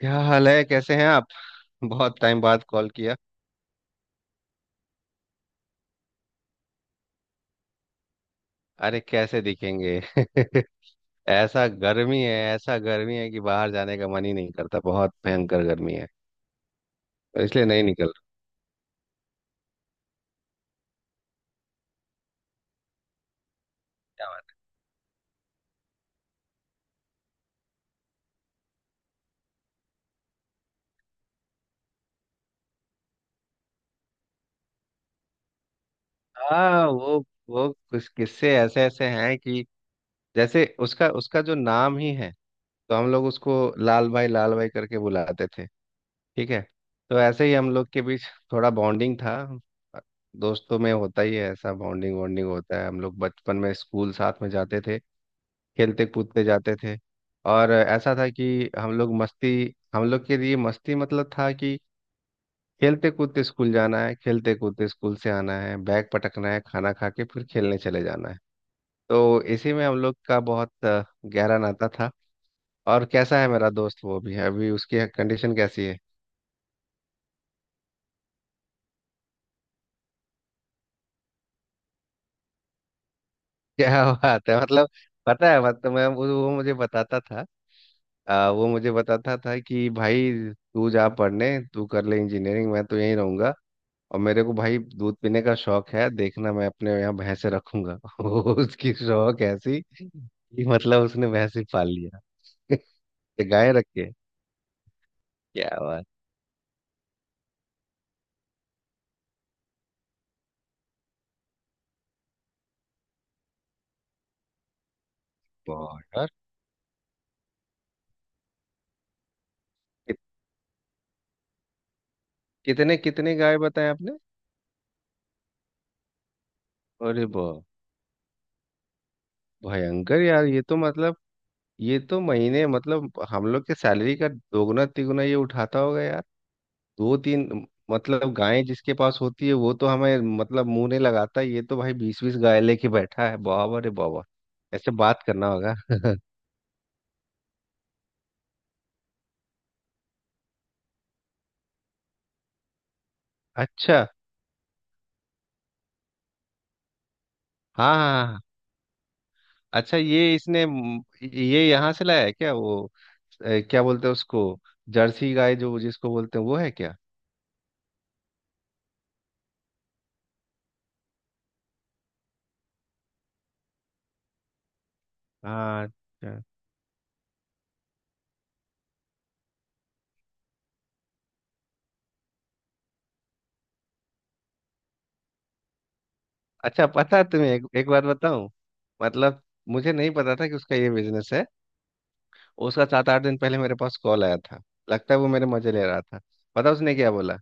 क्या हाल है, कैसे हैं आप? बहुत टाइम बाद कॉल किया। अरे कैसे दिखेंगे? ऐसा गर्मी है, ऐसा गर्मी है कि बाहर जाने का मन ही नहीं करता। बहुत भयंकर गर्मी है, इसलिए नहीं निकल रहा। क्या बात! हाँ, वो कुछ किस्से ऐसे ऐसे हैं कि जैसे उसका उसका जो नाम ही है, तो हम लोग उसको लाल भाई करके बुलाते थे। ठीक है। तो ऐसे ही हम लोग के बीच थोड़ा बॉन्डिंग था। दोस्तों में होता ही है, ऐसा बॉन्डिंग वॉन्डिंग होता है। हम लोग बचपन में स्कूल साथ में जाते थे, खेलते कूदते जाते थे। और ऐसा था कि हम लोग के लिए मस्ती मतलब था कि खेलते कूदते स्कूल जाना है, खेलते कूदते स्कूल से आना है, बैग पटकना है, खाना खा के फिर खेलने चले जाना है। तो इसी में हम लोग का बहुत गहरा नाता था। और कैसा है मेरा दोस्त? वो भी है अभी, उसकी कंडीशन कैसी है? क्या बात है मतलब! पता है मतलब, मैं वो मुझे बताता था। वो मुझे बताता था कि भाई, तू जा पढ़ने, तू कर ले इंजीनियरिंग, मैं तो यहीं रहूंगा। और मेरे को भाई दूध पीने का शौक है, देखना मैं अपने यहाँ भैंसे रखूंगा। वो उसकी शौक ऐसी कि मतलब उसने भैंसे पाल लिया। ये गाय रख के, क्या बात! बहुत यार! कित- कितने कितने गाय बताए आपने? अरे बहुत! भयंकर यार, ये तो मतलब, ये तो महीने मतलब हम लोग के सैलरी का दोगुना तिगुना ये उठाता होगा यार, दो तीन। मतलब गाय जिसके पास होती है वो तो हमें मतलब मुंह नहीं लगाता, ये तो भाई बीस बीस गाय लेके बैठा है, बाबा रे बाबा! ऐसे बात करना होगा। अच्छा, हाँ हाँ हाँ। हाँ। अच्छा, ये इसने ये यहाँ से लाया है क्या? वो क्या बोलते हैं उसको, जर्सी गाय जो जिसको बोलते हैं, वो है क्या? हाँ, अच्छा अच्छा। पता है तुम्हें एक बात बताऊं, मतलब मुझे नहीं पता था कि उसका ये बिजनेस है। उसका 7 8 दिन पहले मेरे पास कॉल आया था। लगता है वो मेरे मजे ले रहा था। पता उसने क्या बोला?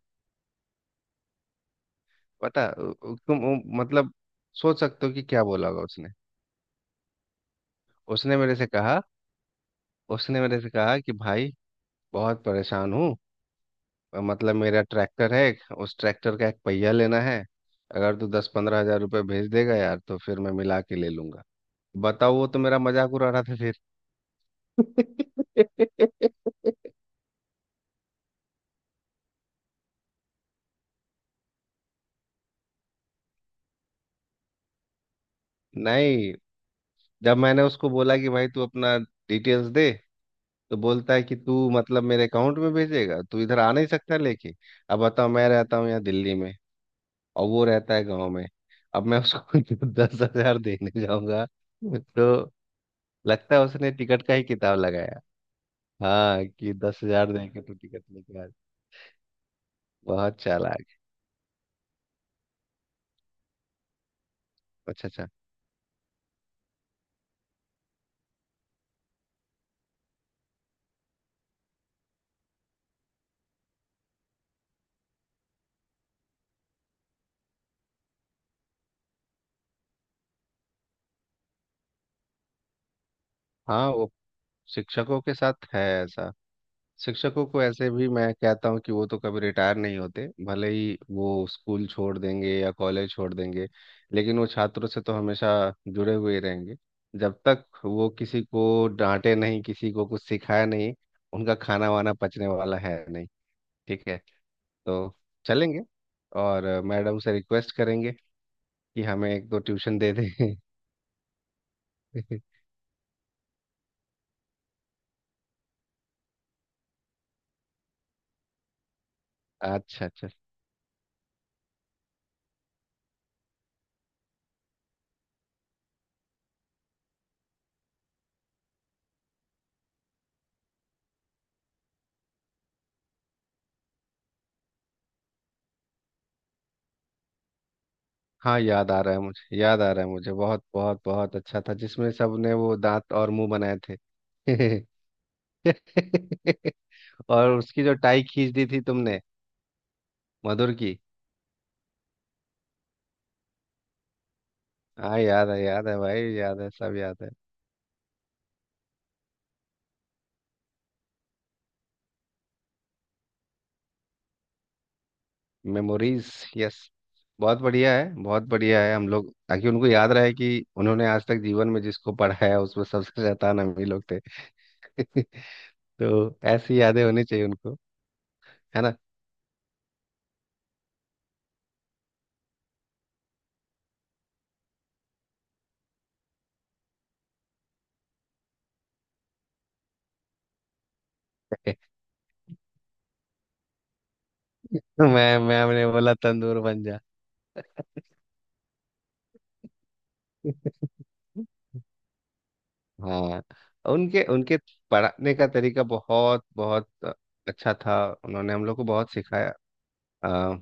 पता उ- उ- तुम उ- मतलब सोच सकते हो कि क्या बोला होगा उसने? उसने मेरे से कहा, उसने मेरे से कहा कि भाई, बहुत परेशान हूँ, मतलब मेरा ट्रैक्टर है, उस ट्रैक्टर का एक पहिया लेना है, अगर तू 10 15 हजार रुपये भेज देगा यार तो फिर मैं मिला के ले लूंगा। बताओ, वो तो मेरा मजाक उड़ा रहा था फिर। नहीं, जब मैंने उसको बोला कि भाई तू अपना डिटेल्स दे, तो बोलता है कि तू मतलब मेरे अकाउंट में भेजेगा, तू इधर आ नहीं सकता लेके? अब बताओ, मैं रहता हूँ यहाँ दिल्ली में और वो रहता है गाँव में। अब मैं उसको 10 हजार देने जाऊंगा तो, लगता है उसने टिकट का ही किताब लगाया। हाँ कि 10 हजार देंगे तो टिकट लेके आ। बहुत चालाक! अच्छा अच्छा। हाँ, वो शिक्षकों के साथ है ऐसा। शिक्षकों को ऐसे भी मैं कहता हूँ कि वो तो कभी रिटायर नहीं होते, भले ही वो स्कूल छोड़ देंगे या कॉलेज छोड़ देंगे, लेकिन वो छात्रों से तो हमेशा जुड़े हुए ही रहेंगे। जब तक वो किसी को डांटे नहीं, किसी को कुछ सिखाए नहीं, उनका खाना वाना पचने वाला है नहीं। ठीक है, तो चलेंगे, और मैडम से रिक्वेस्ट करेंगे कि हमें एक दो ट्यूशन दे दें। अच्छा अच्छा। हाँ, याद आ रहा है मुझे, याद आ रहा है मुझे, बहुत बहुत बहुत अच्छा था जिसमें सबने वो दांत और मुंह बनाए थे। और उसकी जो टाई खींच दी थी तुमने, मधुर की। हाँ, याद है भाई, याद है, सब याद है। मेमोरीज। यस, बहुत बढ़िया है, बहुत बढ़िया है हम लोग, ताकि उनको याद रहे कि उन्होंने आज तक जीवन में जिसको पढ़ाया, उसमें सबसे शैतान हम ही लोग थे। तो ऐसी यादें होनी चाहिए उनको, है ना? मैं हमने बोला तंदूर बन जा। हाँ, उनके उनके पढ़ाने का तरीका बहुत बहुत अच्छा था। उन्होंने हम लोग को बहुत सिखाया। आ,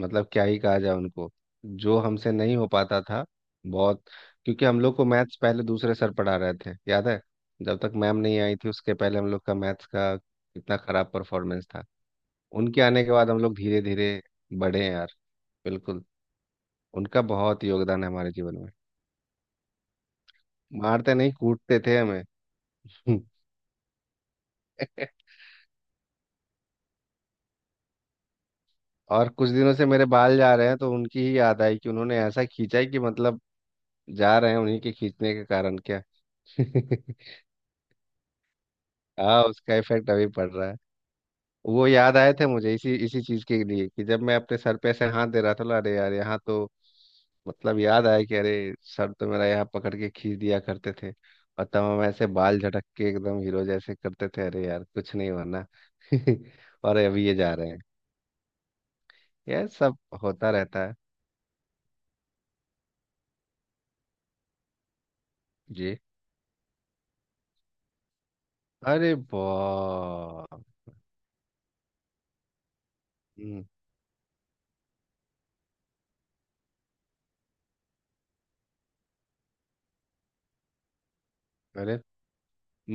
मतलब क्या ही कहा जाए उनको। जो हमसे नहीं हो पाता था, बहुत, क्योंकि हम लोग को मैथ्स पहले दूसरे सर पढ़ा रहे थे, याद है? जब तक मैम नहीं आई थी, उसके पहले हम लोग का मैथ्स का कितना खराब परफॉर्मेंस था। उनके आने के बाद हम लोग धीरे धीरे बढ़े हैं यार, बिल्कुल। उनका बहुत योगदान है हमारे जीवन में। मारते नहीं, कूटते थे हमें। और कुछ दिनों से मेरे बाल जा रहे हैं, तो उनकी ही याद आई कि उन्होंने ऐसा खींचा है कि मतलब जा रहे हैं उन्हीं के खींचने के कारण क्या। हाँ, उसका इफेक्ट अभी पड़ रहा है। वो याद आए थे मुझे इसी इसी चीज के लिए कि जब मैं अपने सर पे ऐसे हाथ दे रहा था, बोला, अरे यार यहाँ तो मतलब याद आया कि अरे, सर तो मेरा यहाँ पकड़ के खींच दिया करते थे। और तब हम ऐसे बाल झटक के एकदम हीरो जैसे करते थे, अरे यार कुछ नहीं होना। और अभी ये जा रहे हैं। यह सब होता रहता है। जी। अरे वाह! अरे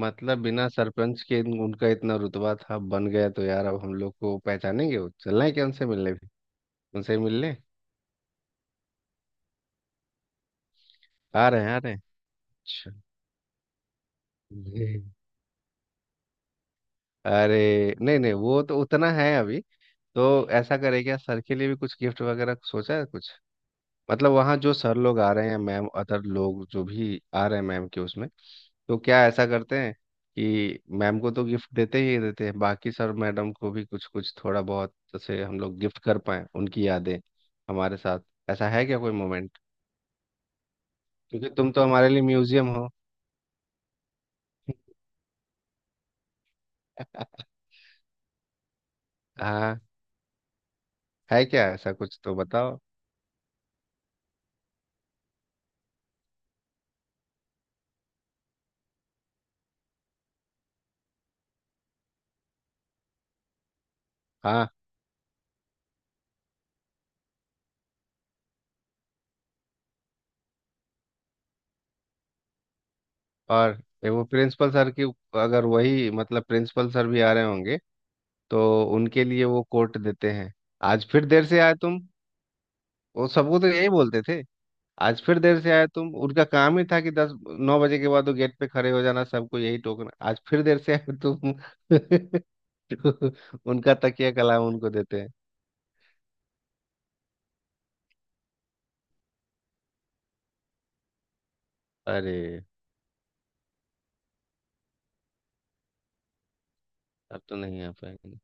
मतलब बिना सरपंच के उनका इतना रुतबा था, बन गया तो यार अब हम लोग को पहचानेंगे वो? चलना है क्या उनसे मिलने भी, उनसे मिलने? आ रहे हैं, आ रहे हैं। अच्छा। अरे नहीं नहीं, वो तो उतना है अभी। तो ऐसा करे, क्या सर के लिए भी कुछ गिफ्ट वगैरह सोचा है कुछ? मतलब वहाँ जो सर लोग आ रहे हैं, मैम अदर लोग जो भी आ रहे हैं मैम के उसमें, तो क्या ऐसा करते हैं कि मैम को तो गिफ्ट देते ही देते हैं, बाकी सर मैडम को भी कुछ कुछ थोड़ा बहुत जैसे हम लोग गिफ्ट कर पाए, उनकी यादें हमारे साथ। ऐसा है क्या कोई मोमेंट? क्योंकि तुम तो हमारे लिए म्यूजियम हो। हाँ, है क्या ऐसा कुछ तो बताओ। हाँ, और ये वो प्रिंसिपल सर की, अगर वही मतलब प्रिंसिपल सर भी आ रहे होंगे तो उनके लिए वो कोट देते हैं, आज फिर देर से आए तुम। वो सबको तो यही बोलते थे, आज फिर देर से आए तुम। उनका काम ही था कि दस नौ बजे के बाद वो गेट पे खड़े हो जाना, सबको यही टोकना, आज फिर देर से आए तुम। उनका तकिया कलाम उनको देते हैं। अरे, अब तो नहीं आ पाएंगे।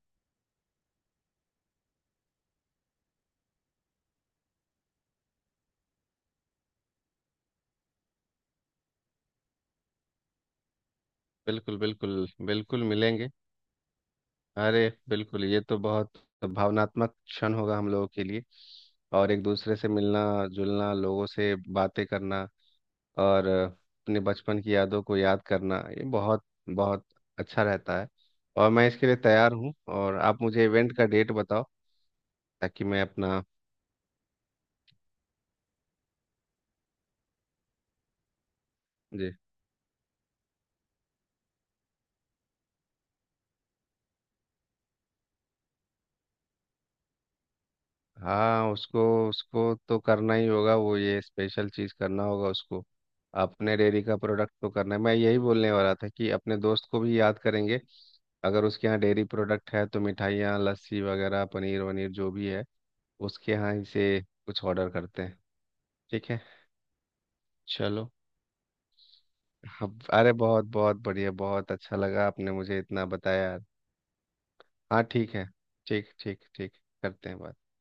बिल्कुल बिल्कुल, बिल्कुल मिलेंगे। अरे बिल्कुल, ये तो बहुत भावनात्मक क्षण होगा हम लोगों के लिए। और एक दूसरे से मिलना जुलना, लोगों से बातें करना, और अपने बचपन की यादों को याद करना, ये बहुत बहुत अच्छा रहता है। और मैं इसके लिए तैयार हूँ, और आप मुझे इवेंट का डेट बताओ ताकि मैं अपना। जी। हाँ उसको, उसको तो करना ही होगा वो, ये स्पेशल चीज़ करना होगा उसको। अपने डेयरी का प्रोडक्ट तो करना है, मैं यही बोलने वाला था कि अपने दोस्त को भी याद करेंगे। अगर उसके यहाँ डेयरी प्रोडक्ट है तो मिठाइयाँ, लस्सी वगैरह, पनीर वनीर, जो भी है, उसके यहाँ ही से कुछ ऑर्डर करते हैं। ठीक है, चलो। अरे बहुत बहुत बढ़िया, बहुत अच्छा लगा आपने मुझे इतना बताया यार। हाँ, ठीक है। ठीक ठीक ठीक, करते हैं बात।